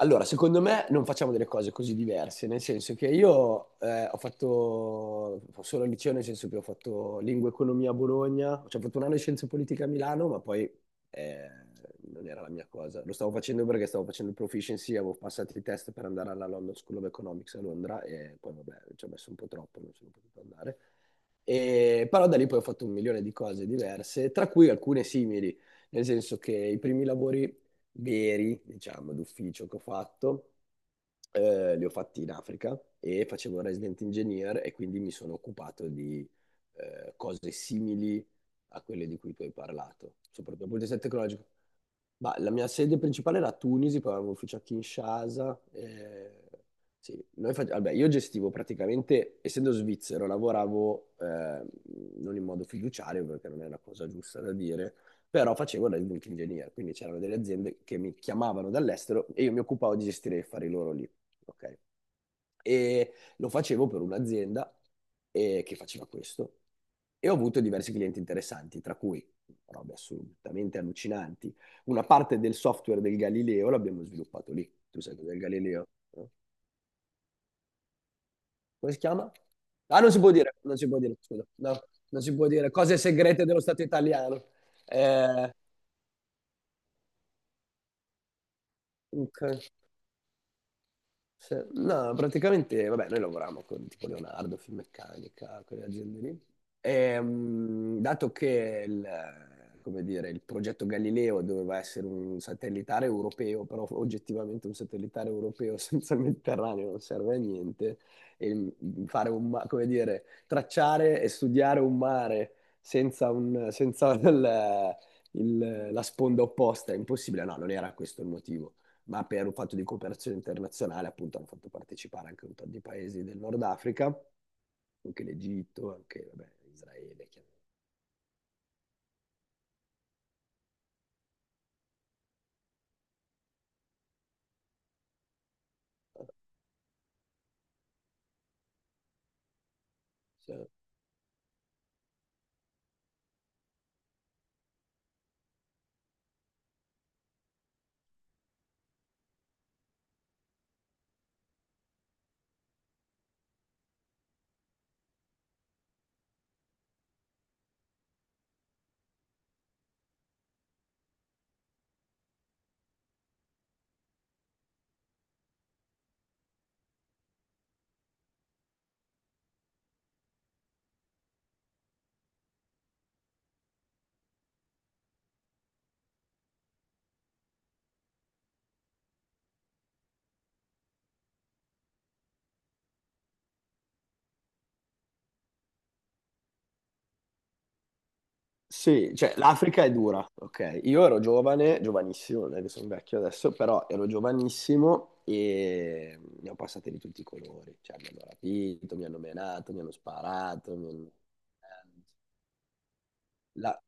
Allora, secondo me non facciamo delle cose così diverse, nel senso che io ho fatto solo il liceo, nel senso che ho fatto lingua e economia a Bologna, cioè ho fatto un anno di scienze politiche a Milano, ma poi eh, non era la mia cosa. Lo stavo facendo perché stavo facendo il proficiency, avevo passato i test per andare alla London School of Economics a Londra e poi vabbè, ci ho messo un po' troppo, non sono potuto andare. E però da lì poi ho fatto un milione di cose diverse, tra cui alcune simili, nel senso che i primi lavori veri, diciamo, d'ufficio che ho fatto, li ho fatti in Africa e facevo il resident engineer e quindi mi sono occupato di cose simili a quelle di cui tu hai parlato, soprattutto dal punto di vista tecnologico. Ma la mia sede principale era a Tunisi, poi avevo un ufficio a Kinshasa. Sì, vabbè, io gestivo praticamente, essendo svizzero, lavoravo non in modo fiduciario, perché non è una cosa giusta da dire, però facevo da input engineer, quindi c'erano delle aziende che mi chiamavano dall'estero e io mi occupavo di gestire gli affari loro lì, ok? E lo facevo per un'azienda che faceva questo e ho avuto diversi clienti interessanti, tra cui robe assolutamente allucinanti. Una parte del software del Galileo l'abbiamo sviluppato lì. Tu sai cos'è il Galileo? No? Come si chiama? Ah, non si può dire, non si può dire, scusa. No, non si può dire. Cose segrete dello Stato italiano. Eh, ok. No, praticamente, vabbè, noi lavoravamo con tipo Leonardo, Finmeccanica, quelle aziende lì. E, dato che come dire, il progetto Galileo doveva essere un satellitare europeo, però oggettivamente un satellitare europeo senza il Mediterraneo non serve a niente, e fare come dire, tracciare e studiare un mare senza la sponda opposta è impossibile. No, non era questo il motivo, ma per un fatto di cooperazione internazionale, appunto, hanno fatto partecipare anche un po' di paesi del Nord Africa, anche l'Egitto, anche vabbè, Israele, chiaramente. Cioè, sì, cioè l'Africa è dura, ok? Io ero giovane, giovanissimo, non è che sono vecchio adesso, però ero giovanissimo e ne ho passate di tutti i colori, cioè mi hanno rapito, mi hanno menato, mi hanno sparato, mi hanno... La-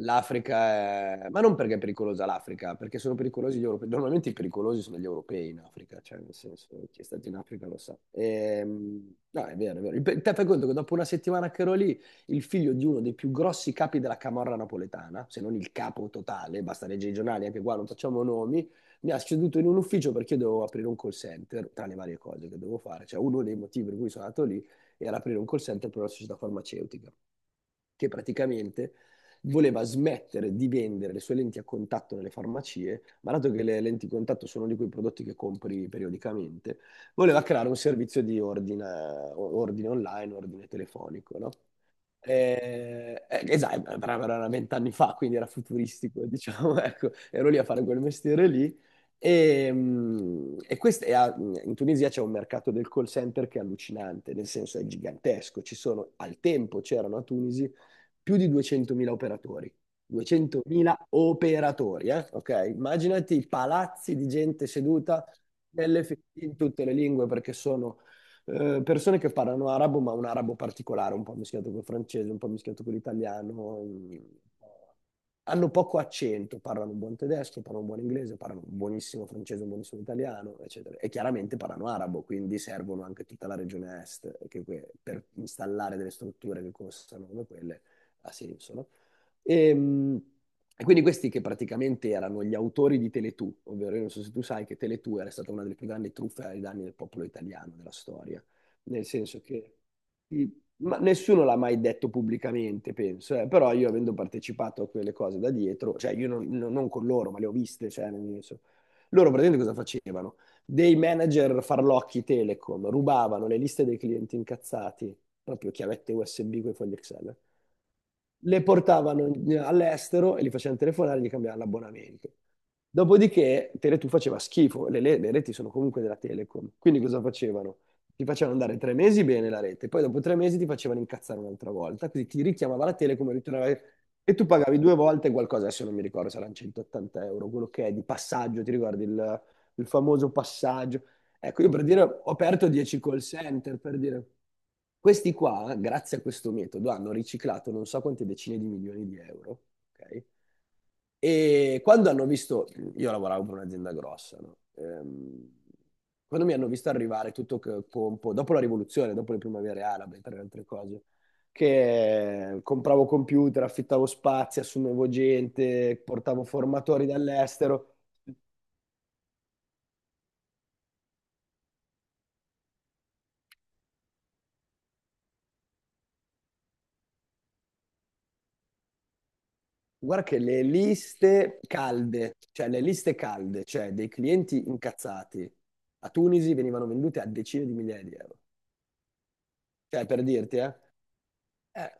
L'Africa è... Ma non perché è pericolosa l'Africa, perché sono pericolosi gli europei. Normalmente i pericolosi sono gli europei in Africa, cioè nel senso, chi è stato in Africa lo sa. No, è vero, è vero. Te fai conto che dopo una settimana che ero lì, il figlio di uno dei più grossi capi della camorra napoletana, se non il capo totale, basta leggere i giornali, anche qua non facciamo nomi, mi ha seduto in un ufficio perché io dovevo aprire un call center, tra le varie cose che dovevo fare. Cioè uno dei motivi per cui sono andato lì era aprire un call center per una società farmaceutica che praticamente voleva smettere di vendere le sue lenti a contatto nelle farmacie, ma dato che le lenti a contatto sono di quei prodotti che compri periodicamente, voleva creare un servizio di ordine, ordine online, ordine telefonico, no? Esatto, però era vent'anni fa, quindi era futuristico, diciamo, ecco, ero lì a fare quel mestiere lì. E, e in Tunisia c'è un mercato del call center che è allucinante, nel senso è gigantesco. Al tempo c'erano a Tunisi più di 200.000 operatori. 200.000 operatori, eh? Ok? Immaginati i palazzi di gente seduta in tutte le lingue perché sono persone che parlano arabo, ma un arabo particolare, un po' mischiato col francese, un po' mischiato con l'italiano. Hanno poco accento, parlano un buon tedesco, parlano un buon inglese, parlano un buonissimo francese, un buonissimo italiano, eccetera. E chiaramente parlano arabo, quindi servono anche tutta la regione est, per installare delle strutture che costano come quelle ha senso, no? E, mh, e quindi questi che praticamente erano gli autori di Teletù, ovvero io non so se tu sai che Teletù era stata una delle più grandi truffe ai danni del popolo italiano della storia, nel senso che sì, ma nessuno l'ha mai detto pubblicamente, penso, eh. Però io avendo partecipato a quelle cose da dietro, cioè io non con loro, ma le ho viste, cioè nel senso, loro praticamente cosa facevano? Dei manager farlocchi Telecom rubavano le liste dei clienti incazzati, proprio chiavette USB con i fogli Excel le portavano all'estero e li facevano telefonare e gli cambiavano l'abbonamento. Dopodiché Tele2 faceva schifo, le reti sono comunque della Telecom, quindi cosa facevano? Ti facevano andare tre mesi bene la rete, poi dopo tre mesi ti facevano incazzare un'altra volta, quindi ti richiamava la Telecom e ritornavi... e tu pagavi due volte qualcosa, adesso non mi ricordo, saranno 180 euro, quello che è di passaggio, ti ricordi il famoso passaggio. Ecco, io per dire, ho aperto 10 call center, per dire, questi qua, grazie a questo metodo, hanno riciclato non so quante decine di milioni di euro, ok? E quando hanno visto, io lavoravo per un'azienda grossa, no? Quando mi hanno visto arrivare dopo la rivoluzione, dopo le primavere arabe, tra le altre cose, che compravo computer, affittavo spazi, assumevo gente, portavo formatori dall'estero... Guarda che le liste calde, cioè le liste calde, cioè dei clienti incazzati a Tunisi venivano vendute a decine di migliaia di euro. Cioè, per dirti, eh? Eh,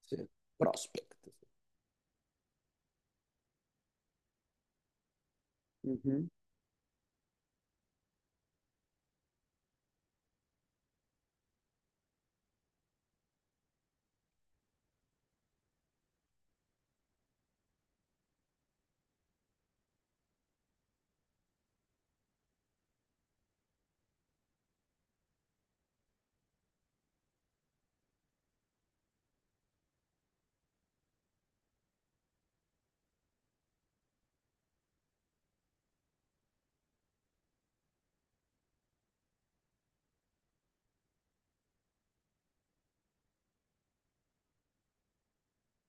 sì, prospect. Mhm.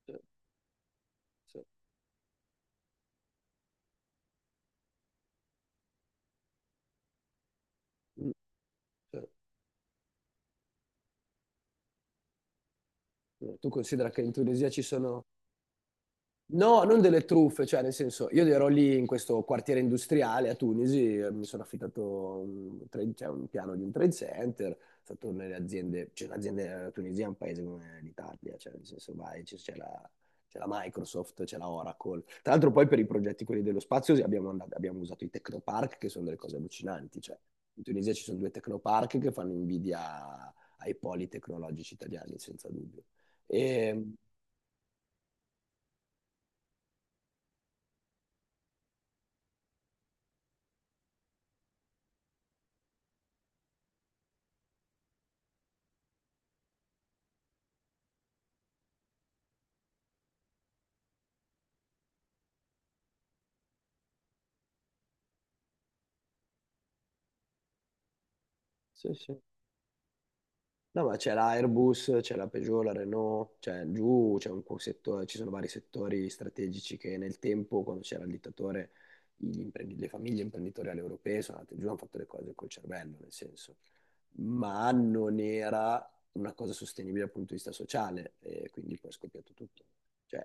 Sì, sì. Mm, sì. Sì. Tu considera che in Tunisia ci sono... No, non delle truffe, cioè nel senso, io ero lì in questo quartiere industriale a Tunisi, mi sono affittato cioè, un piano di un trade center, sono stato nelle aziende, cioè l'azienda la Tunisia è un paese come l'Italia, cioè nel senso vai, c'è c'è la Microsoft, c'è la Oracle. Tra l'altro poi per i progetti quelli dello spazio sì, abbiamo usato i Tecnopark, che sono delle cose allucinanti, cioè in Tunisia ci sono due Tecnopark che fanno invidia ai poli tecnologici italiani, senza dubbio. E, sì, sì. No, ma c'è l'Airbus, c'è la Peugeot, la Renault, cioè giù settore, ci sono vari settori strategici che nel tempo, quando c'era il dittatore, le famiglie imprenditoriali europee sono andate giù, hanno fatto le cose col cervello, nel senso, ma non era una cosa sostenibile dal punto di vista sociale e quindi poi è scoppiato tutto. Cioè,